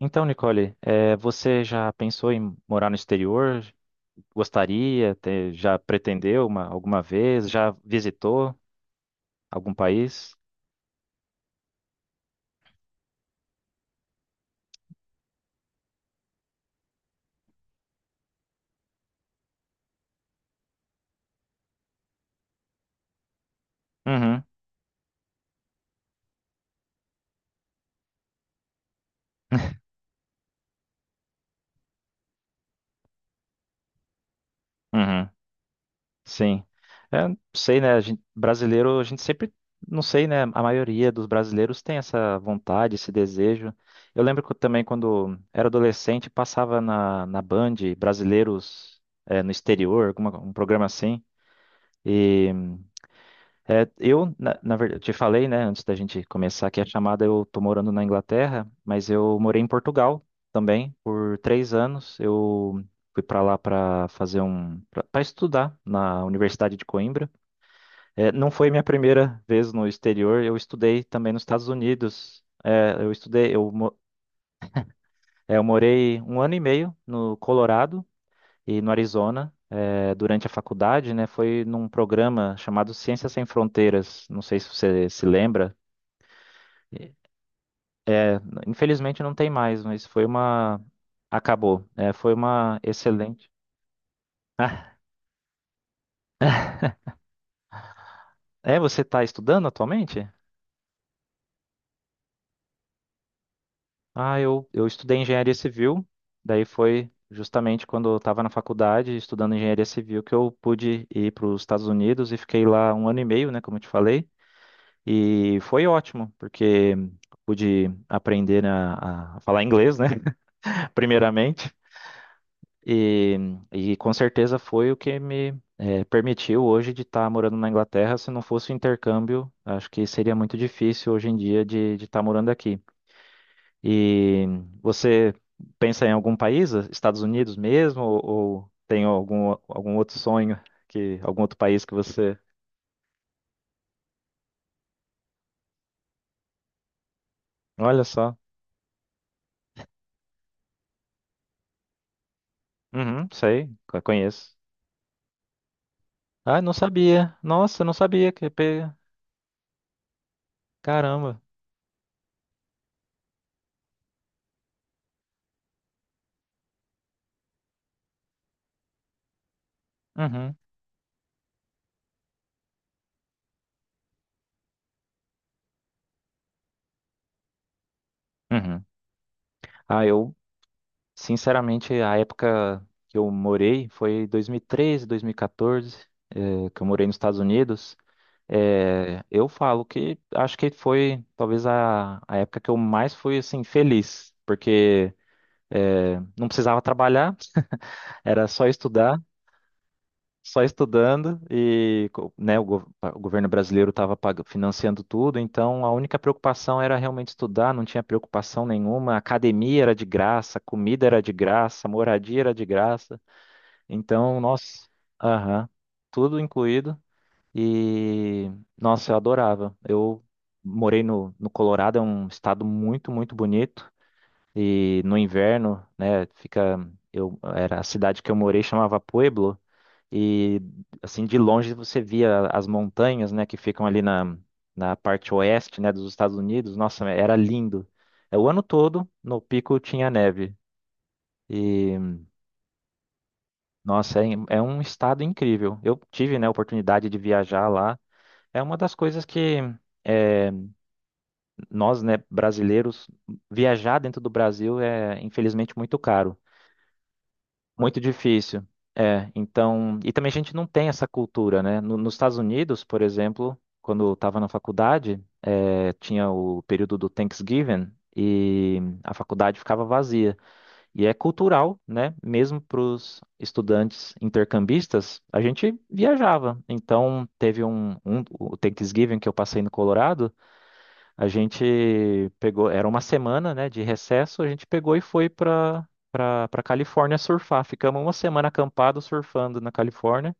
Então, Nicole, você já pensou em morar no exterior? Gostaria? Já pretendeu uma, alguma vez? Já visitou algum país? Uhum, uhum, sim. É, não sei, né? Brasileiro, a gente sempre, não sei, né? A maioria dos brasileiros tem essa vontade, esse desejo. Eu lembro que eu também, quando era adolescente, passava na Band brasileiros no exterior, alguma, um programa assim. É, eu, na verdade, eu te falei, né, antes da gente começar aqui a chamada, eu tô morando na Inglaterra, mas eu morei em Portugal também por 3 anos. Eu fui para lá para fazer para estudar na Universidade de Coimbra. É, não foi minha primeira vez no exterior, eu estudei também nos Estados Unidos. É, eu estudei, é, eu morei 1 ano e meio no Colorado e no Arizona. Durante a faculdade, né, foi num programa chamado Ciências Sem Fronteiras. Não sei se você se lembra. É, infelizmente não tem mais, mas foi uma. Acabou. É, foi uma excelente. Ah, é, você está estudando atualmente? Ah, eu estudei engenharia civil, daí foi justamente quando eu estava na faculdade estudando engenharia civil que eu pude ir para os Estados Unidos e fiquei lá 1 ano e meio, né, como eu te falei, e foi ótimo, porque pude aprender a falar inglês, né, primeiramente, E, e com certeza foi o que me permitiu hoje de estar morando na Inglaterra. Se não fosse o intercâmbio, acho que seria muito difícil hoje em dia de estar morando aqui. E você pensa em algum país, Estados Unidos mesmo, ou tem algum, algum outro sonho que algum outro país que você... Olha só. Uhum, sei, conheço. Ah, não sabia. Nossa, não sabia que... Caramba. Uhum. Uhum. Ah, eu sinceramente, a época que eu morei foi 2013, 2014, que eu morei nos Estados Unidos. Eu falo que acho que foi talvez a época que eu mais fui assim feliz, porque não precisava trabalhar, era só estudar, só estudando e né, o governo brasileiro estava financiando tudo, então a única preocupação era realmente estudar, não tinha preocupação nenhuma, a academia era de graça, comida era de graça, moradia era de graça. Então, nossa, aham, tudo incluído. E, nossa, eu adorava. Eu morei no Colorado, é um estado muito, muito bonito. E no inverno, né, fica, eu, era a cidade que eu morei, chamava Pueblo. E, assim, de longe você via as montanhas, né, que ficam ali na parte oeste, né, dos Estados Unidos. Nossa, era lindo. É, o ano todo, no pico tinha neve. E nossa, é, é um estado incrível. Eu tive, né, a oportunidade de viajar lá. É uma das coisas que eh, nós, né, brasileiros, viajar dentro do Brasil é, infelizmente, muito caro, muito difícil. É, então, e também a gente não tem essa cultura, né? Nos Estados Unidos, por exemplo, quando eu estava na faculdade, tinha o período do Thanksgiving e a faculdade ficava vazia. E é cultural, né? Mesmo para os estudantes intercambistas, a gente viajava. Então, teve um, um o Thanksgiving que eu passei no Colorado, a gente pegou, era uma semana, né, de recesso, a gente pegou e foi para Califórnia surfar. Ficamos uma semana acampado surfando na Califórnia.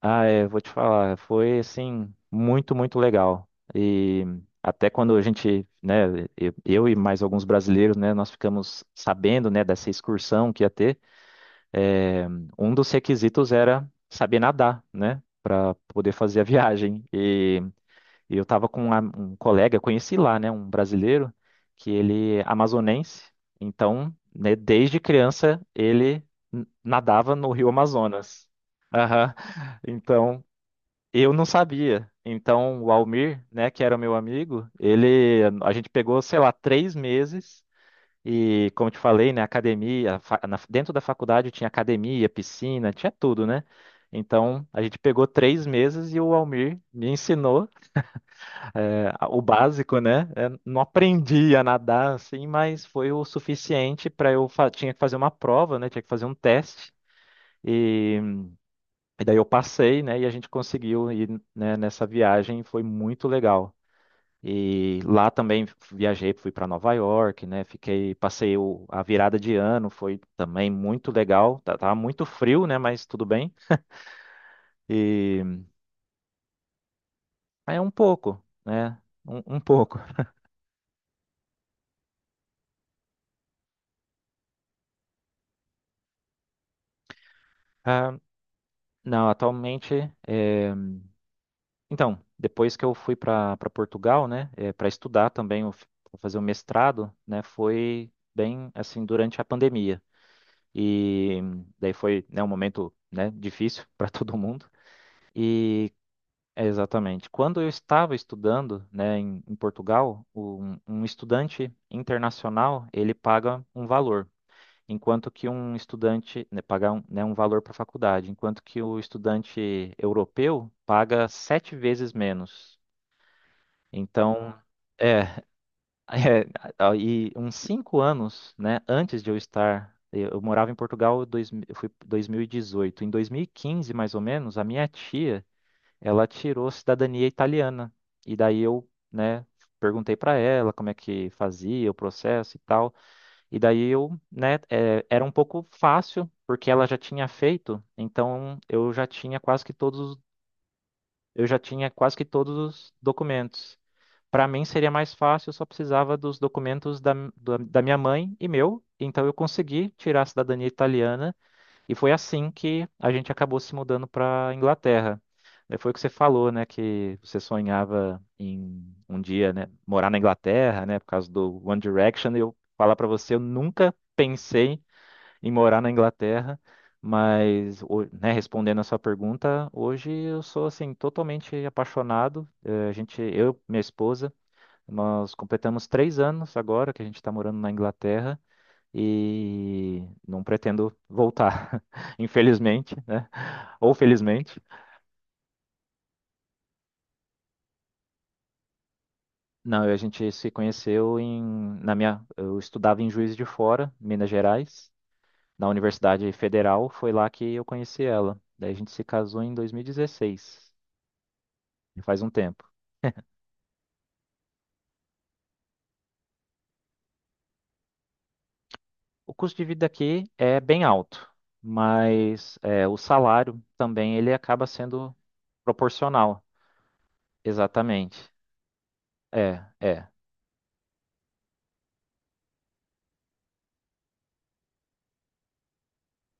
Ah, é, vou te falar, foi assim muito, muito legal. E até quando a gente, né, eu e mais alguns brasileiros, né, nós ficamos sabendo, né, dessa excursão que ia ter, é, um dos requisitos era saber nadar, né, para poder fazer a viagem. E eu estava com um, um colega, conheci lá, né, um brasileiro que ele é amazonense. Então, né, desde criança ele nadava no Rio Amazonas. Aham. Então, eu não sabia. Então, o Almir, né, que era o meu amigo, ele, a gente pegou, sei lá, 3 meses e, como eu te falei, né, academia, dentro da faculdade tinha academia, piscina, tinha tudo, né? Então, a gente pegou 3 meses e o Almir me ensinou é, o básico, né? É, não aprendi a nadar assim, mas foi o suficiente para eu tinha que fazer uma prova, né? Tinha que fazer um teste. E daí eu passei, né, e a gente conseguiu ir, né, nessa viagem, foi muito legal. E lá também viajei, fui para Nova York, né, fiquei, passei a virada de ano, foi também muito legal. Tava muito frio, né, mas tudo bem. E é um pouco, né, um pouco. Ah, não, atualmente, é, então, depois que eu fui para Portugal, né, para estudar também, eu pra fazer o mestrado, né, foi bem assim durante a pandemia. E daí foi, né, um momento, né, difícil para todo mundo. E é, exatamente, quando eu estava estudando, né, em Portugal, um estudante internacional, ele paga um valor, enquanto que um estudante, né, paga um, né, um valor para a faculdade, enquanto que o estudante europeu paga 7 vezes menos. Então, é, é, e uns 5 anos, né, antes de eu estar, eu morava em Portugal, dois, eu fui 2018. Em 2015, mais ou menos, a minha tia, ela tirou cidadania italiana. E daí eu, né, perguntei para ela como é que fazia o processo e tal. E daí eu, né, é, era um pouco fácil, porque ela já tinha feito, então eu já tinha quase que todos, eu já tinha quase que todos os documentos. Para mim seria mais fácil, eu só precisava dos documentos da minha mãe e meu, então eu consegui tirar a cidadania italiana e foi assim que a gente acabou se mudando para Inglaterra. Foi o que você falou, né, que você sonhava em um dia, né, morar na Inglaterra, né, por causa do One Direction. Eu falar para você, eu nunca pensei em morar na Inglaterra, mas, né, respondendo a sua pergunta, hoje eu sou assim totalmente apaixonado. A gente, eu, minha esposa nós completamos 3 anos agora que a gente está morando na Inglaterra e não pretendo voltar, infelizmente, né? Ou felizmente. Não, a gente se conheceu na minha, eu estudava em Juiz de Fora, Minas Gerais, na Universidade Federal. Foi lá que eu conheci ela. Daí a gente se casou em 2016, já faz um tempo. O custo de vida aqui é bem alto, mas é, o salário também ele acaba sendo proporcional. Exatamente. É, é,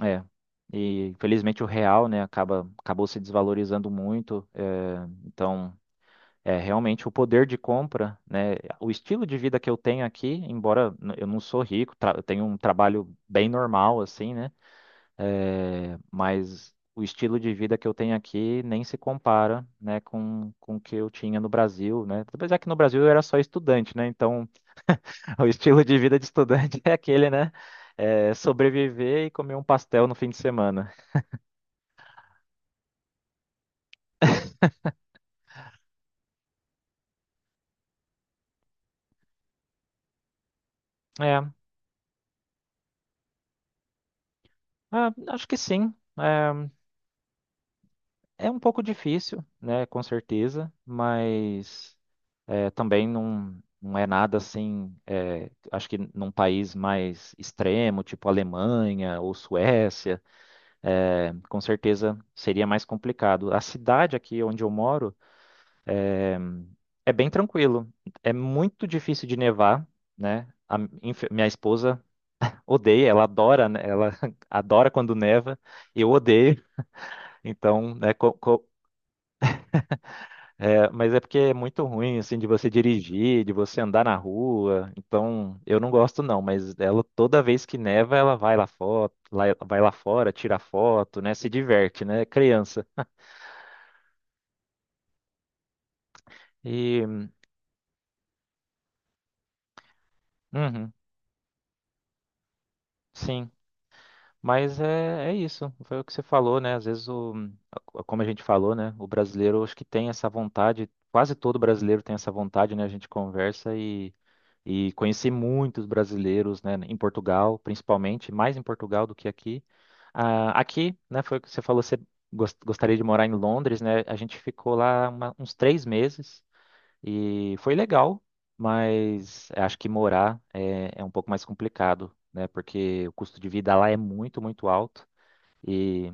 é. E infelizmente o real, né, acaba, acabou se desvalorizando muito. Então, é realmente o poder de compra, né, o estilo de vida que eu tenho aqui, embora eu não sou rico, eu tenho um trabalho bem normal, assim, né, é, mas o estilo de vida que eu tenho aqui nem se compara, né, com o que eu tinha no Brasil, né? Apesar que no Brasil eu era só estudante, né? Então o estilo de vida de estudante é aquele, né? É, sobreviver e comer um pastel no fim de semana. É, ah, acho que sim. É, é um pouco difícil, né? Com certeza, mas. É, também não, não é nada assim. É, acho que num país mais extremo, tipo Alemanha ou Suécia, é, com certeza seria mais complicado. A cidade aqui onde eu moro é bem tranquilo. É muito difícil de nevar, né? Minha esposa odeia, ela adora, né? Ela adora quando neva, eu odeio. Então, né, é, mas é porque é muito ruim, assim, de você dirigir, de você andar na rua. Então, eu não gosto não, mas ela, toda vez que neva, ela vai lá, foto, vai lá fora, tira foto, né? Se diverte, né? É criança. E, uhum, sim. Mas é, é isso, foi o que você falou, né? Às vezes, o, como a gente falou, né? O brasileiro, acho que tem essa vontade, quase todo brasileiro tem essa vontade, né? A gente conversa e conheci muitos brasileiros, né? Em Portugal, principalmente, mais em Portugal do que aqui. Ah, aqui, né, foi o que você falou, você gostaria de morar em Londres, né? A gente ficou lá uns 3 meses e foi legal, mas acho que morar é, é um pouco mais complicado, né? Porque o custo de vida lá é muito, muito alto e,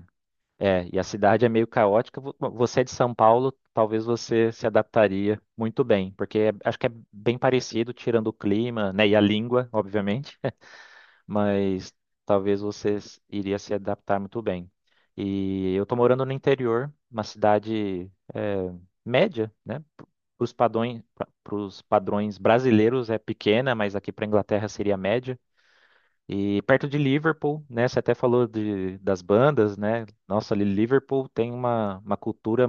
é, e a cidade é meio caótica. Bom, você é de São Paulo, talvez você se adaptaria muito bem, porque acho que é bem parecido, tirando o clima, né, e a língua, obviamente, mas talvez você iria se adaptar muito bem. E eu tô morando no interior, uma cidade é, média, né? Para os padrões brasileiros é pequena, mas aqui para Inglaterra seria média. E perto de Liverpool, né? Você até falou de, das bandas, né? Nossa, ali Liverpool tem uma cultura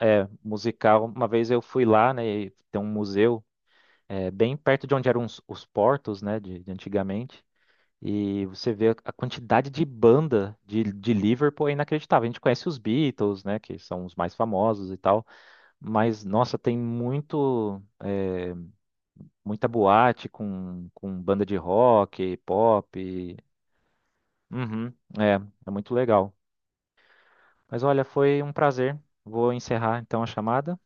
é, musical. Uma vez eu fui lá, né? E tem um museu é, bem perto de onde eram os portos, né? De antigamente. E você vê a quantidade de banda de Liverpool é inacreditável. A gente conhece os Beatles, né, que são os mais famosos e tal, mas nossa, tem muito é, muita boate com banda de rock, pop. Uhum, é, é muito legal. Mas olha, foi um prazer. Vou encerrar então a chamada.